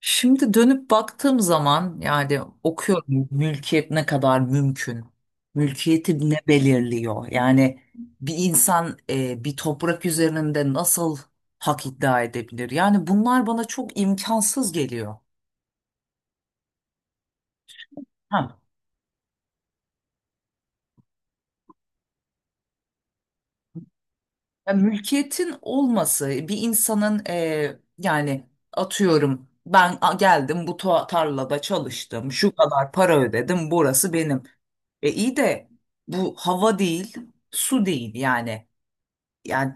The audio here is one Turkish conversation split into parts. Şimdi dönüp baktığım zaman yani okuyorum mülkiyet ne kadar mümkün. Mülkiyeti ne belirliyor? Yani bir insan bir toprak üzerinde nasıl hak iddia edebilir? Yani bunlar bana çok imkansız geliyor. Ha. Ya mülkiyetin olması bir insanın yani atıyorum ben geldim bu tarlada çalıştım şu kadar para ödedim burası benim. E iyi de bu hava değil, su değil yani. Yani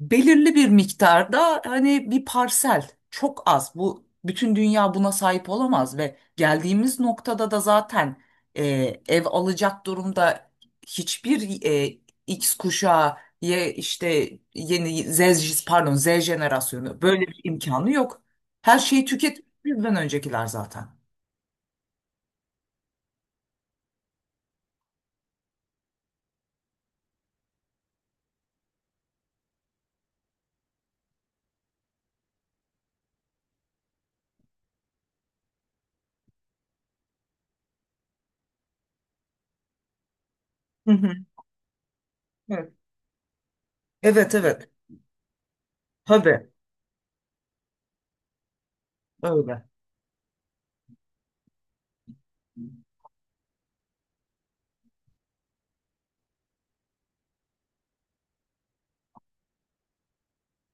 belirli bir miktarda hani bir parsel çok az. Bu bütün dünya buna sahip olamaz ve geldiğimiz noktada da zaten e, ev alacak durumda hiçbir X kuşağı işte yeni pardon Z jenerasyonu böyle bir imkanı yok. Her şeyi tüket bizden öncekiler zaten. Hı hı. Evet, evet. Evet. Tabii, öyle.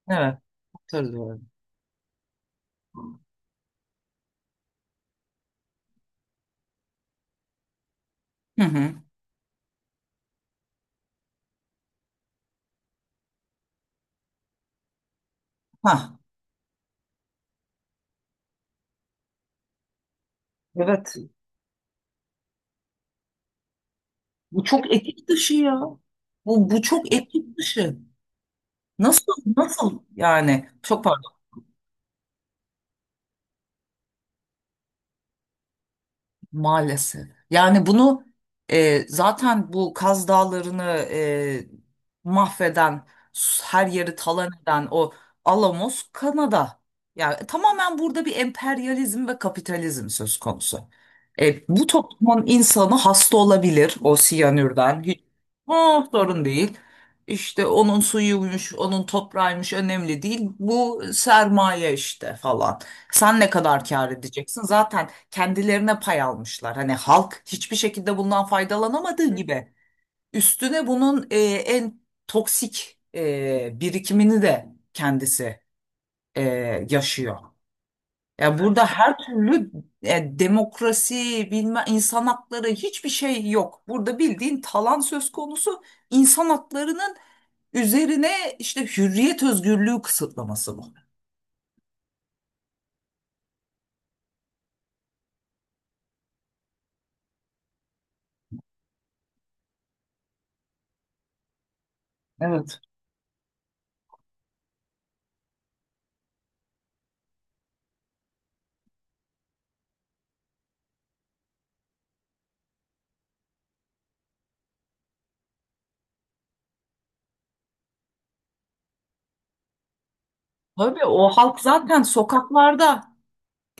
Evet, hatırlıyorum. Hı hı. Ha, evet. Bu çok etik dışı ya. Bu çok etik dışı. Nasıl, nasıl yani? Çok. Maalesef. Yani bunu zaten bu Kaz Dağları'nı mahveden, her yeri talan eden o Alamos Kanada. Yani tamamen burada bir emperyalizm ve kapitalizm söz konusu. Bu toplumun insanı hasta olabilir o siyanürden. Hiç. Oh, sorun değil. İşte onun suyuymuş, onun toprağıymış önemli değil. Bu sermaye işte falan. Sen ne kadar kâr edeceksin? Zaten kendilerine pay almışlar. Hani halk hiçbir şekilde bundan faydalanamadığı gibi üstüne bunun en toksik birikimini de kendisi e, yaşıyor. Ya burada her türlü demokrasi, bilme insan hakları hiçbir şey yok. Burada bildiğin talan söz konusu, insan haklarının üzerine işte hürriyet özgürlüğü kısıtlaması bu. Evet. Tabii o halk zaten sokaklarda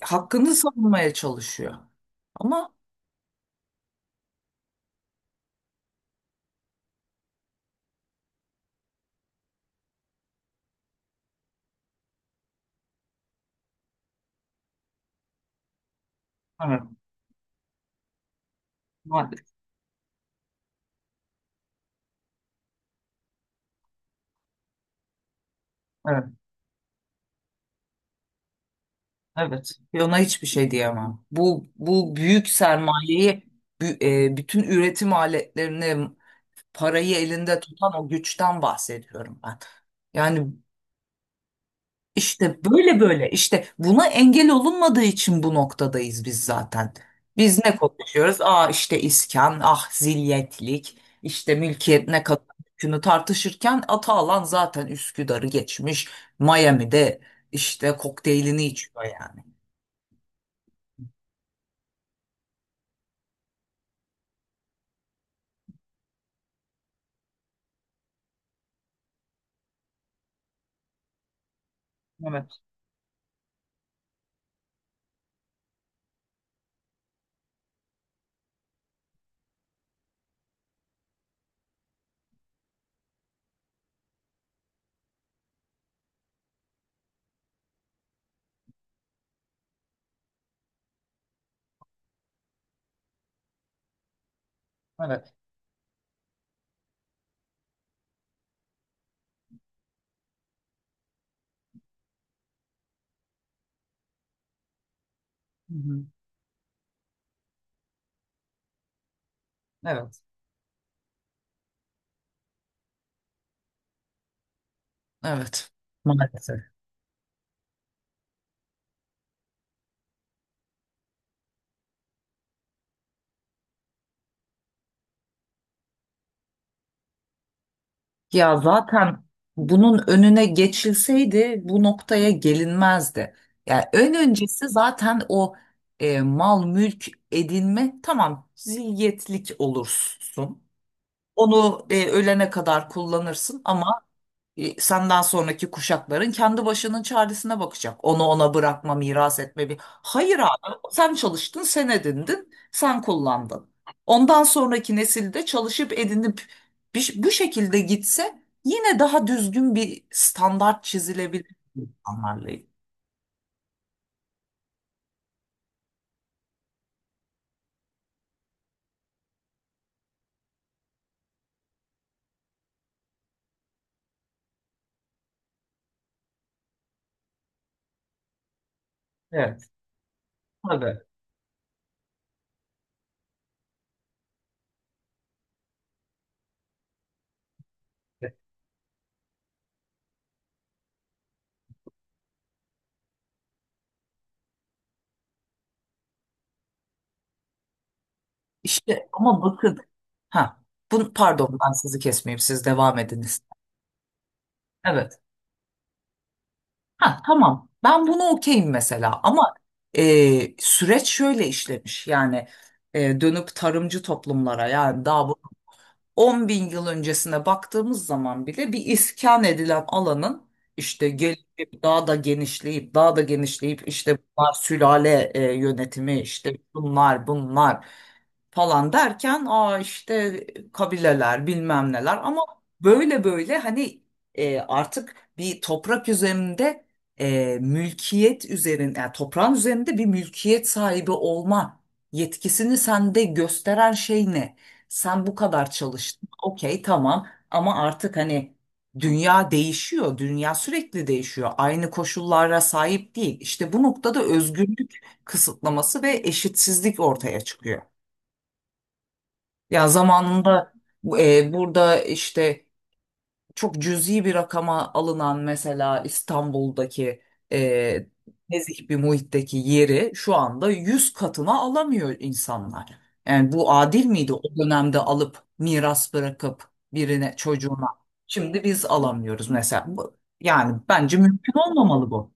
hakkını savunmaya çalışıyor. Ama. Evet, maalesef. Evet, evet. Ve ona hiçbir şey diyemem. Bu büyük sermayeyi, bütün üretim aletlerini, parayı elinde tutan o güçten bahsediyorum ben. Yani, İşte böyle böyle işte buna engel olunmadığı için bu noktadayız biz zaten. Biz ne konuşuyoruz? Aa işte iskan, ah zilyetlik, işte mülkiyet ne kadar hükmünü tartışırken Atalan zaten Üsküdar'ı geçmiş. Miami'de işte kokteylini içiyor yani. Evet, evet. Hı hı. Evet. Evet. Maalesef. Ya zaten bunun önüne geçilseydi bu noktaya gelinmezdi. Yani en öncesi zaten o mal mülk edinme tamam, zilyetlik olursun. Onu ölene kadar kullanırsın, ama senden sonraki kuşakların kendi başının çaresine bakacak. Onu ona bırakma, miras etme bir. Hayır abi, sen çalıştın, sen edindin, sen kullandın. Ondan sonraki nesilde çalışıp edinip bu şekilde gitse yine daha düzgün bir standart çizilebilir insanlarlayım. Evet, tabii. İşte ama bakın, ha, pardon ben sizi kesmeyeyim, siz devam ediniz. Evet. Ha, tamam. Ben bunu okeyim mesela ama süreç şöyle işlemiş. Yani dönüp tarımcı toplumlara, yani daha bu 10 bin yıl öncesine baktığımız zaman bile bir iskan edilen alanın işte gelişip daha da genişleyip daha da genişleyip işte bunlar sülale yönetimi işte bunlar falan derken aa işte kabileler bilmem neler, ama böyle böyle hani artık bir toprak üzerinde mülkiyet üzerinde, yani toprağın üzerinde bir mülkiyet sahibi olma yetkisini sende gösteren şey ne? Sen bu kadar çalıştın. Okey tamam, ama artık hani dünya değişiyor. Dünya sürekli değişiyor. Aynı koşullara sahip değil. İşte bu noktada özgürlük kısıtlaması ve eşitsizlik ortaya çıkıyor. Ya zamanında burada işte çok cüzi bir rakama alınan mesela İstanbul'daki e, nezih bir muhitteki yeri şu anda 100 katına alamıyor insanlar. Yani bu adil miydi o dönemde alıp miras bırakıp birine, çocuğuna? Şimdi biz alamıyoruz mesela. Yani bence mümkün olmamalı bu.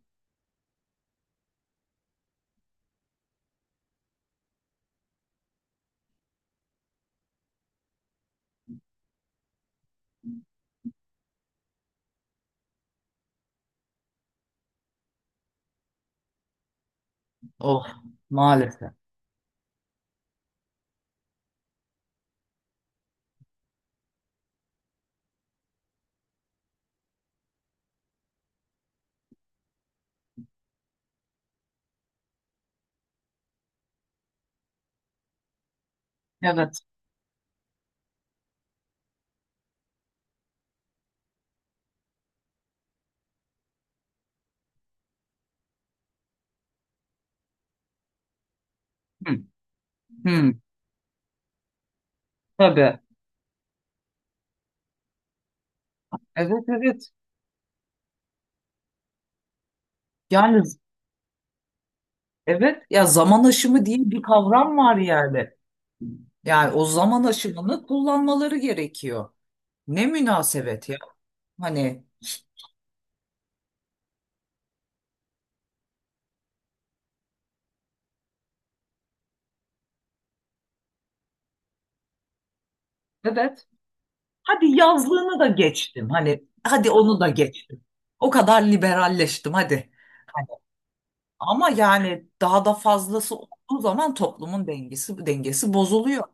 Oh, maalesef. Evet. Hı, hı. Tabii. Evet, evet. Yani evet, ya zaman aşımı diye bir kavram var yani. Yani o zaman aşımını kullanmaları gerekiyor. Ne münasebet ya. Hani evet. Hadi yazlığını da geçtim. Hani hadi onu da geçtim. O kadar liberalleştim hadi. Ama yani daha da fazlası olduğu zaman toplumun dengesi bozuluyor.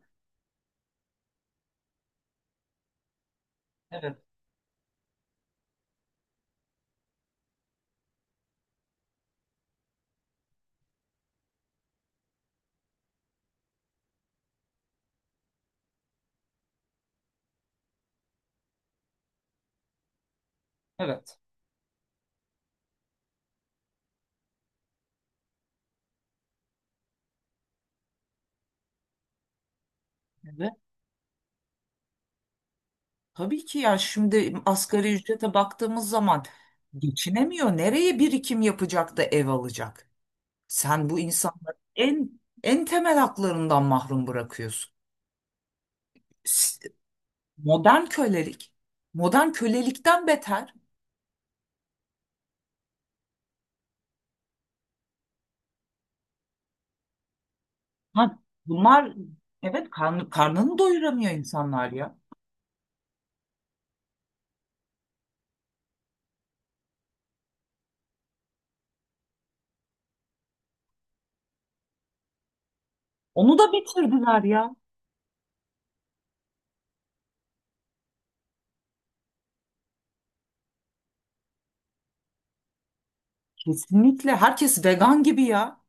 Evet, evet. Evet. Tabii ki ya, şimdi asgari ücrete baktığımız zaman geçinemiyor. Nereye birikim yapacak da ev alacak? Sen bu insanları en temel haklarından mahrum bırakıyorsun. S- Modern kölelik, modern kölelikten beter. Ha, bunlar, evet, karnını doyuramıyor insanlar ya. Onu da bitirdiler ya. Kesinlikle. Herkes vegan gibi ya.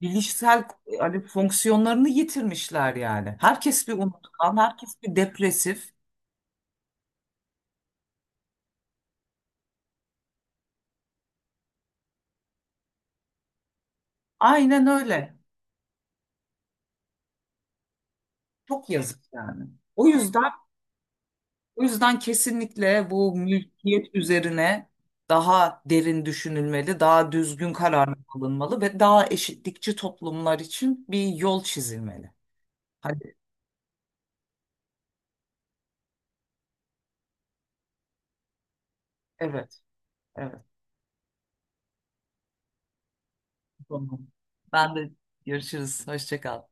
Bilişsel hani fonksiyonlarını yitirmişler yani. Herkes bir unutkan, herkes bir depresif. Aynen öyle. Çok yazık yani. O yüzden O yüzden kesinlikle bu mülkiyet üzerine daha derin düşünülmeli, daha düzgün kararlar alınmalı ve daha eşitlikçi toplumlar için bir yol çizilmeli. Hadi, evet, evet. Tamam. Ben de görüşürüz. Hoşça kal.